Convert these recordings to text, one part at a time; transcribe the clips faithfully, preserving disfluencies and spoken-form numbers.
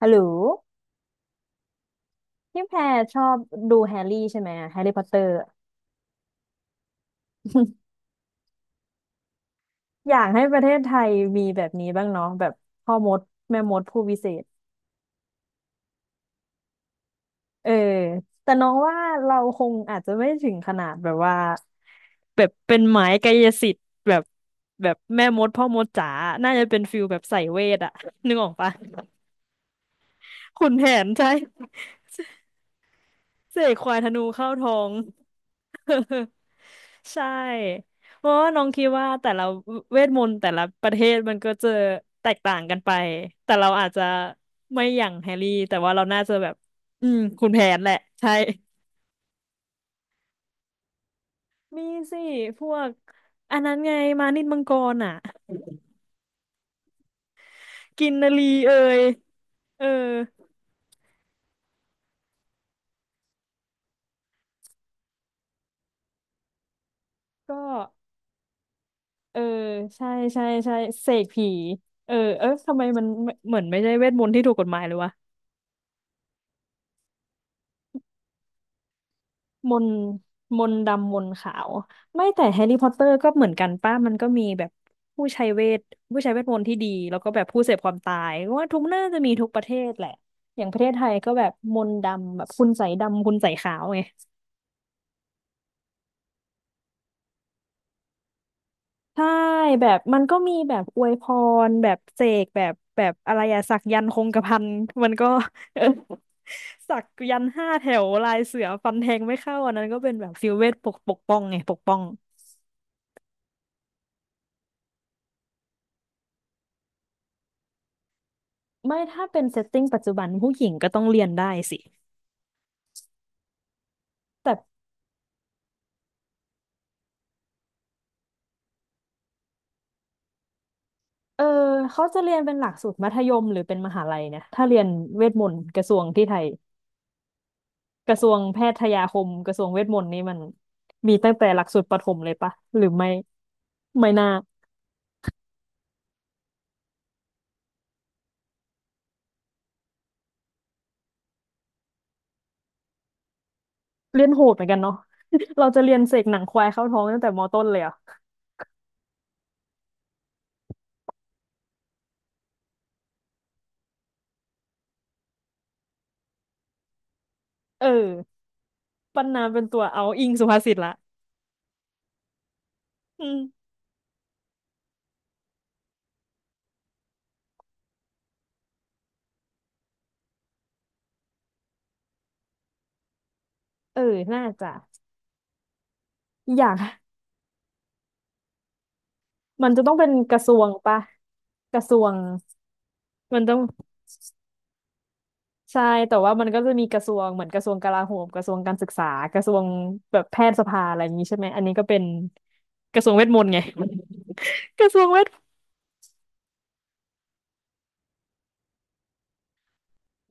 ฮัลโหลพี่แพรชอบดูแฮร์รี่ใช่ไหมแฮร์รี่พอตเตอร์ อยากให้ประเทศไทยมีแบบนี้บ้างเนาะแบบพ่อมดแม่มดผู้วิเศษ เออ แต่น้องว่าเราคงอาจจะไม่ถึงขนาดแบบว่าแบบเป็นหมายกายสิทธิ์แบบแบบแม่มดพ่อมดจ๋าน่าจะเป็นฟิลแบบใส่เวทอะ นึกออกปะขุนแผนใช่ เสกควายธนูเข้าท้อง ใช่เพราะว่าน้องคิดว่าแต่ละเวทมนต์แต่ละประเทศมันก็จะแตกต่างกันไปแต่เราอาจจะไม่อย่างแฮร์รี่แต่ว่าเราน่าจะแบบอืมคุณแผนแหละใช่มีสิพวกอันนั้นไงมานิดมังกรอ่ะกินนารีเอ่ยเออก็เออใช่ใช่ใช่เสกผีเออเออทำไมมันเหมือนไม่ใช่เวทมนต์ที่ถูกกฎหมายเลยวะ มนต์มนต์ดำมนต์ขาวไม่แต่แฮร์รี่พอตเตอร์ก็เหมือนกันป้ามันก็มีแบบผู้ใช้เวทผู้ใช้เวทมนต์ที่ดี แล้วก็แบบผู้เสพความตายก็ว่าทุกน่าจะมีทุกประเทศแหละอย่างประเทศไทยก็แบบมนต์ดำแบบคุณใสยดำคุณใสยขาวไงใช่แบบมันก็มีแบบอวยพรแบบเสกแบบแบบอะไรอะสักยันต์คงกระพันมันก็ เออสักยันต์ห้าแถวลายเสือฟันแทงไม่เข้าอันนั้นก็เป็นแบบฟิลเวทปกปกป้องไงปกป้อง ไม่ถ้าเป็นเซตติ้งปัจจุบันผู้หญิงก็ต้องเรียนได้สิแต่เออเขาจะเรียนเป็นหลักสูตรมัธยมหรือเป็นมหาลัยเนี่ยถ้าเรียนเวทมนต์กระทรวงที่ไทยกระทรวงแพทยาคมกระทรวงเวทมนต์นี่มันมีตั้งแต่หลักสูตรประถมเลยปะหรือไม่ไม่น่าเรียนโหดเหมือนกันเนาะ เราจะเรียนเสกหนังควายเข้าท้องตั้งแต่มต้นเลยเหรอ่ะเออปันนาเป็นตัวเอาอิงสุภาษิตละอืมเออน่าจะอยากมันจะต้องเป็นกระทรวงปะกระทรวงมันต้อง ใช่แต่ว่ามันก็จะมีกระทรวงเหมือนกระทรวงกลาโหมกระทรวงการศึกษากระทรวงแบบแพทยสภาอะไรอย่างนี้ใช่ไหมอันนี้ก็เป็นกระทรวงเวทมนต์ไง กระทรวงเวท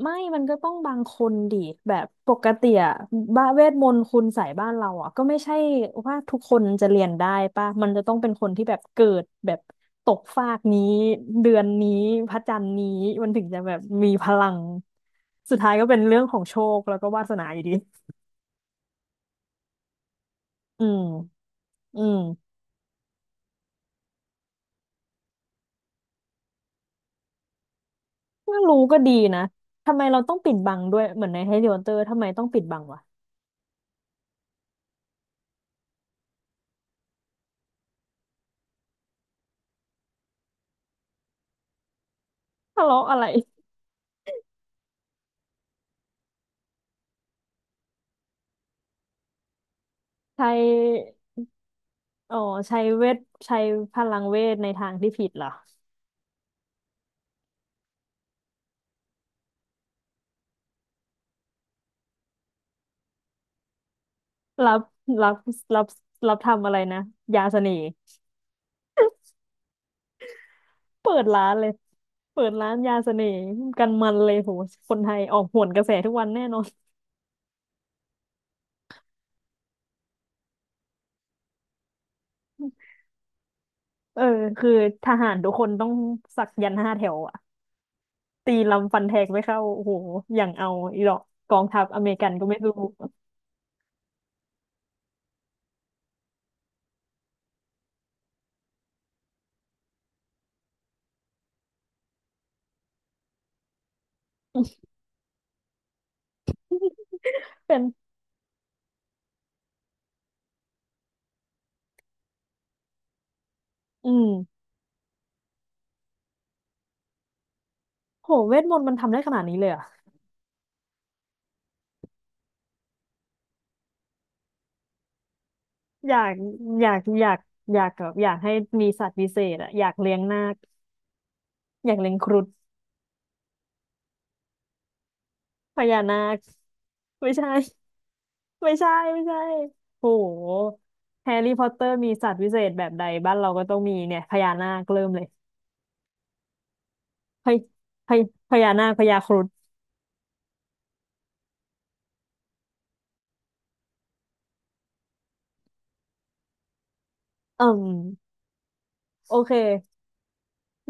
ไม่มันก็ต้องบางคนดิแบบปกติอะบ้าเวทมนต์คุณใส่บ้านเราอะก็ไม่ใช่ว่าทุกคนจะเรียนได้ป่ะมันจะต้องเป็นคนที่แบบเกิดแบบตกฟากนี้เดือนนี้พระจันทร์นี้มันถึงจะแบบมีพลังสุดท้ายก็เป็นเรื่องของโชคแล้วก็วาสนาอยู่ดีอืมอืม ถ้ารู้ก็ดีนะ ทำไมเราต้องปิดบังด้วย เหมือนในแฮร์รี่พอตเตอร์ทำไมต้องปิดบังวะทะเลาะอะไรใช้อ๋อใช้เวท ใช้พลังเวทในทางที่ผิดเหรอรับรับรับรับทำอะไรนะยาเสน่ห์เปิดร้านเลยเปิดร้านยาเสน่ห์กันมันเลยโหคนไทยออกโหนกระแสทุกวันแน่นอน เออคือทหารทุกคนต้องสักยันต์ห้าแถวอะตีลำฟันแทงไม่เข้าโอ้โหอย่างเอาอีหรอกกองทัพอเมริกันก็ไม่รู้ เป็นอืม โหเวทมนต์มันทำได้ขนาดนี้เลยเหรอ่ะอยากอยากอยากอยากแบบอยากให้มีสัตว์พิเศษอะอยากเลี้ยงนาคอยากเลี้ยงครุฑพญานาคไม่ใช่ไม่ใช่ไม่ใช่โหแฮร์รี่พอตเตอร์มีสัตว์พิเศษแบบใดบ้านเราก็ต้องมีเนี่ยพญานาคเริ่มเลยพญพญพญานาคพญาครุฑอืมโอเค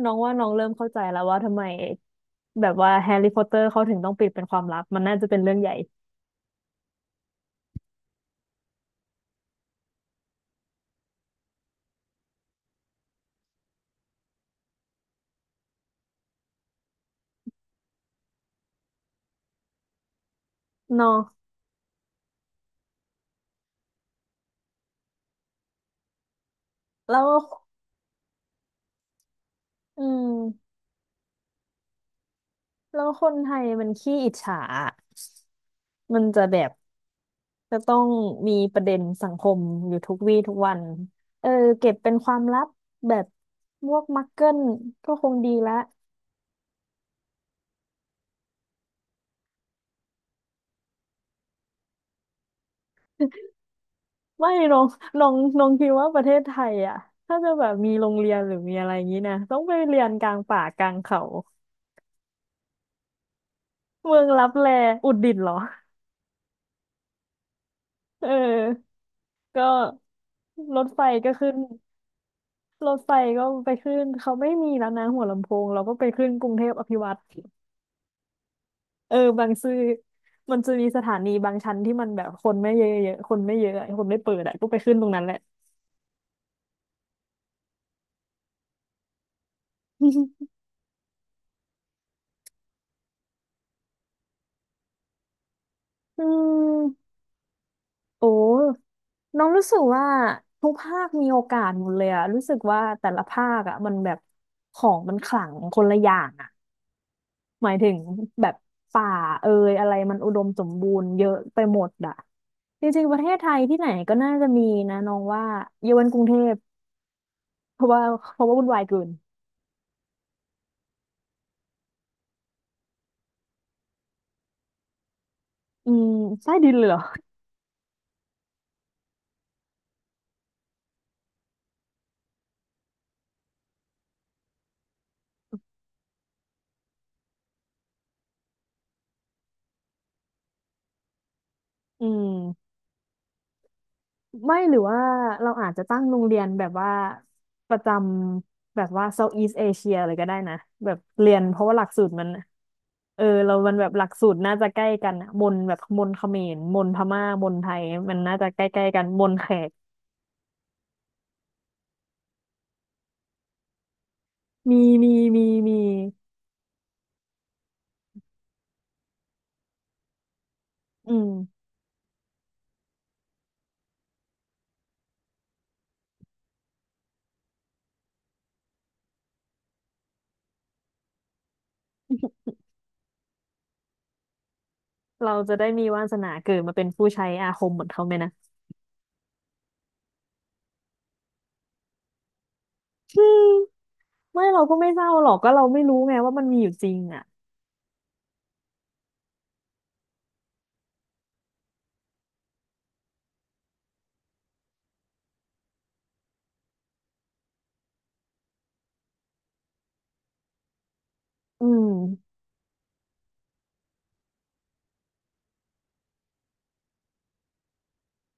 น้องว่าน้องเริ่มเข้าใจแล้วว่าทำไมแบบว่าแฮร์รี่พอตเตอร์เขาถึงต้องปิดเป็นความลับมันน่าจะเป็นเรื่องใหญ่เนาะแล้วอืม แล้วคนไทยมันขี้อิจฉาอะมันจะแบบจะต้องมีประเด็นสังคมอยู่ทุกวี่ทุกวันเออเก็บเป็นความลับแบบพวกมักเกิลก็คงดีละไม่ลองลองลองคิดว่าประเทศไทยอ่ะถ้าจะแบบมีโรงเรียนหรือมีอะไรอย่างนี้นะต้องไปเรียนกลางป่ากลางเขาเมืองลับแลอุตรดิตถ์เหรอเออก็รถไฟก็ขึ้นรถไฟก็ไปขึ้นเขาไม่มีแล้วนะหัวลำโพงเราก็ไปขึ้นกรุงเทพอภิวัตน์ เออบางซื่อมันจะมีสถานีบางชั้นที่มันแบบคนไม่เยอะๆคนไม่เยอะอะคนไม่เปิดอะก็ไปขึ้นตรงนั้นแหละ อืมโอ้น้องรู้สึกว่าทุกภาคมีโอกาสหมดเลยอะรู้สึกว่าแต่ละภาคอะมันแบบของมันขลังคนละอย่างอะหมายถึงแบบป่าเอ่ยอะไรมันอุดมสมบูรณ์เยอะไปหมดอะจริงๆประเทศไทยที่ไหนก็น่าจะมีนะน้องว่าเยาวันกรุงเทพเพราะว่าเพราะว่าวุ่นวายเกินอืมใต้ดินเลยเหรออืม ไม่หรือว่าเราอาจจะตั้งโรงเรียนแบบว่าประจำแบบว่า Southeast Asia เลยก็ได้นะแบบเรียนเพราะว่าหลักสูตรมันเออเรามันแบบหลักสูตรน่าจะใกล้กันอะมนแบบมนเขมรมนพม่ามนไทยมันน่าจะใกล้ๆกันมนแขกมีมีมีมีอืมเราจะได้มีวาสนาเกิดมาเป็นผู้ใช้อาคมเหมือนเขาไหมนะ อืมไม่เราก็ไม่เศร้าหรอกก็เราไม่รู้ไงว่ามันมีอยู่จริงอ่ะอืม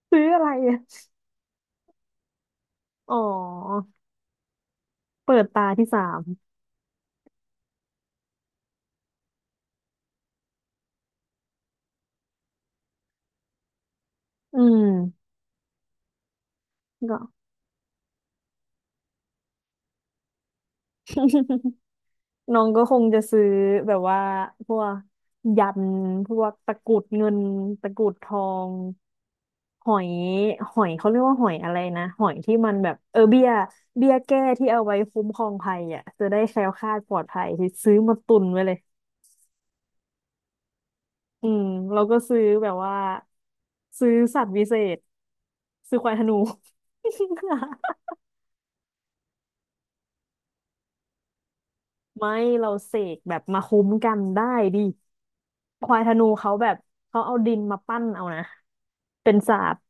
ซื้ออะไรอะอ๋อเปิดตาที่สาม อืมก็ น้องก็คงจะซื้อแบบว่าพวกยันพวกตะกรุดเงินตะกรุดทองหอยหอยเขาเรียกว่าหอยอะไรนะหอยที่มันแบบเออเบี้ยเบี้ยแก้ที่เอาไว้คุ้มครองภัยอ่ะจะได้แคล้วคลาดปลอดภัยที่ซื้อมาตุนไว้เลยอืมเราก็ซื้อแบบว่าซื้อสัตว์วิเศษซื้อควายธนู ไม่เราเสกแบบมาคุ้มกันได้ดิควายธนูเขาแบบเขาเอาดินมาปั้นเอานะเป็นศาสตร์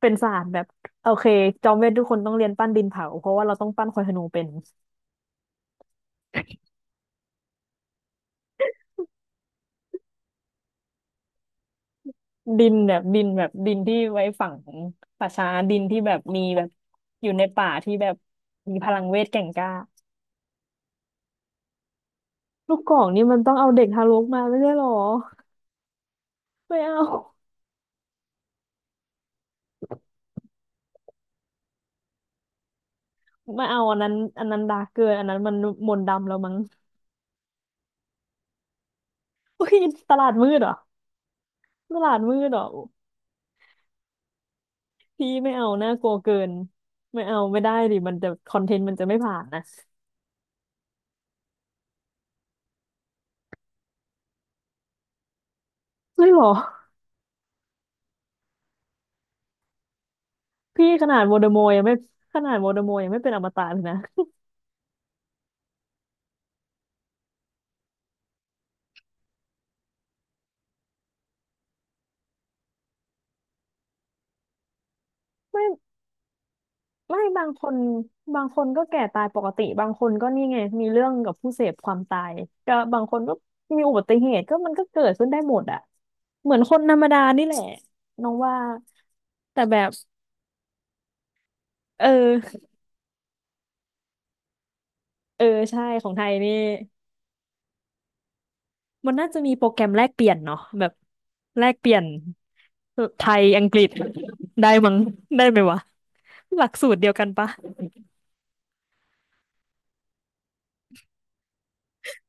เป็นศาสตร์แบบโอเคจอมเวททุกคนต้องเรียนปั้นดินเผาเพราะว่าเราต้องปั้นควายธนูเป็นดินแบบดินแบบดินที่ไว้ฝังป่าช้าดินที่แบบมีแบบอยู่ในป่าที่แบบมีพลังเวทแก่งกล้าลูกกอกนี่มันต้องเอาเด็กทารกมาไม่ใช่หรอไม่เอาไม่เอาอันนั้นอันนั้นดาร์กเกินอันนั้นมันมนต์ดำแล้วมั้ง อุ้ยตลาดมืดเหรอ ตลาดมืดเหรอพี่ไม่เอาน่ากลัวเกินไม่เอาไม่ได้ดิมันจะคอนเทนต์มันจะไม่ผ่านนะไม่หรอพี่ขนาดโวลเดอมอร์ยังไม่ขนาดโวลเดอมอร์ยังไม่เป็นอมตะเลยนะไม่ไม่บางคนบางคนก็แก่ตายปกติบางคนก็นี่ไงมีเรื่องกับผู้เสพความตายก็บางคนก็มีอุบัติเหตุก็มันก็เกิดขึ้นได้หมดอะเหมือนคนธรรมดานี่แหละน้องว่าแต่แบบเออเออใช่ของไทยนี่ มันน่าจะมีโปรแกรมแลกเปลี่ยนเนาะแบบแลกเปลี่ยนไทยอังกฤษได้มั้งได้ไหมวะหลักสูตรเดียวกันปะ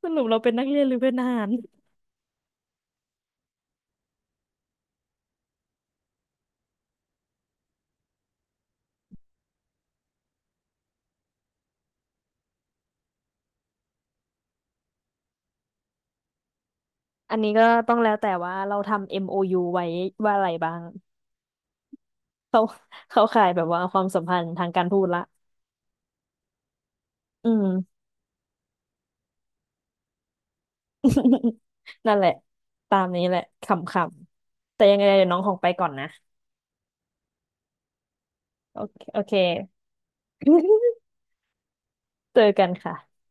สรุปเราเป็นนักเรียนหรือเป็นทหารอันนี้ก็ต้องแล้วแต่ว่าเราทำ เอ็ม โอ ยู ไว้ว่าอะไรบ้างเขาเขาขายแบบว่าความสัมพันธ์ทางการทูตละอืม นั่นแหละตามนี้แหละขำๆแต่ยังไงเดี๋ยวน้องของไปก่อนนะโอเคโอเค เจอกันค่ะ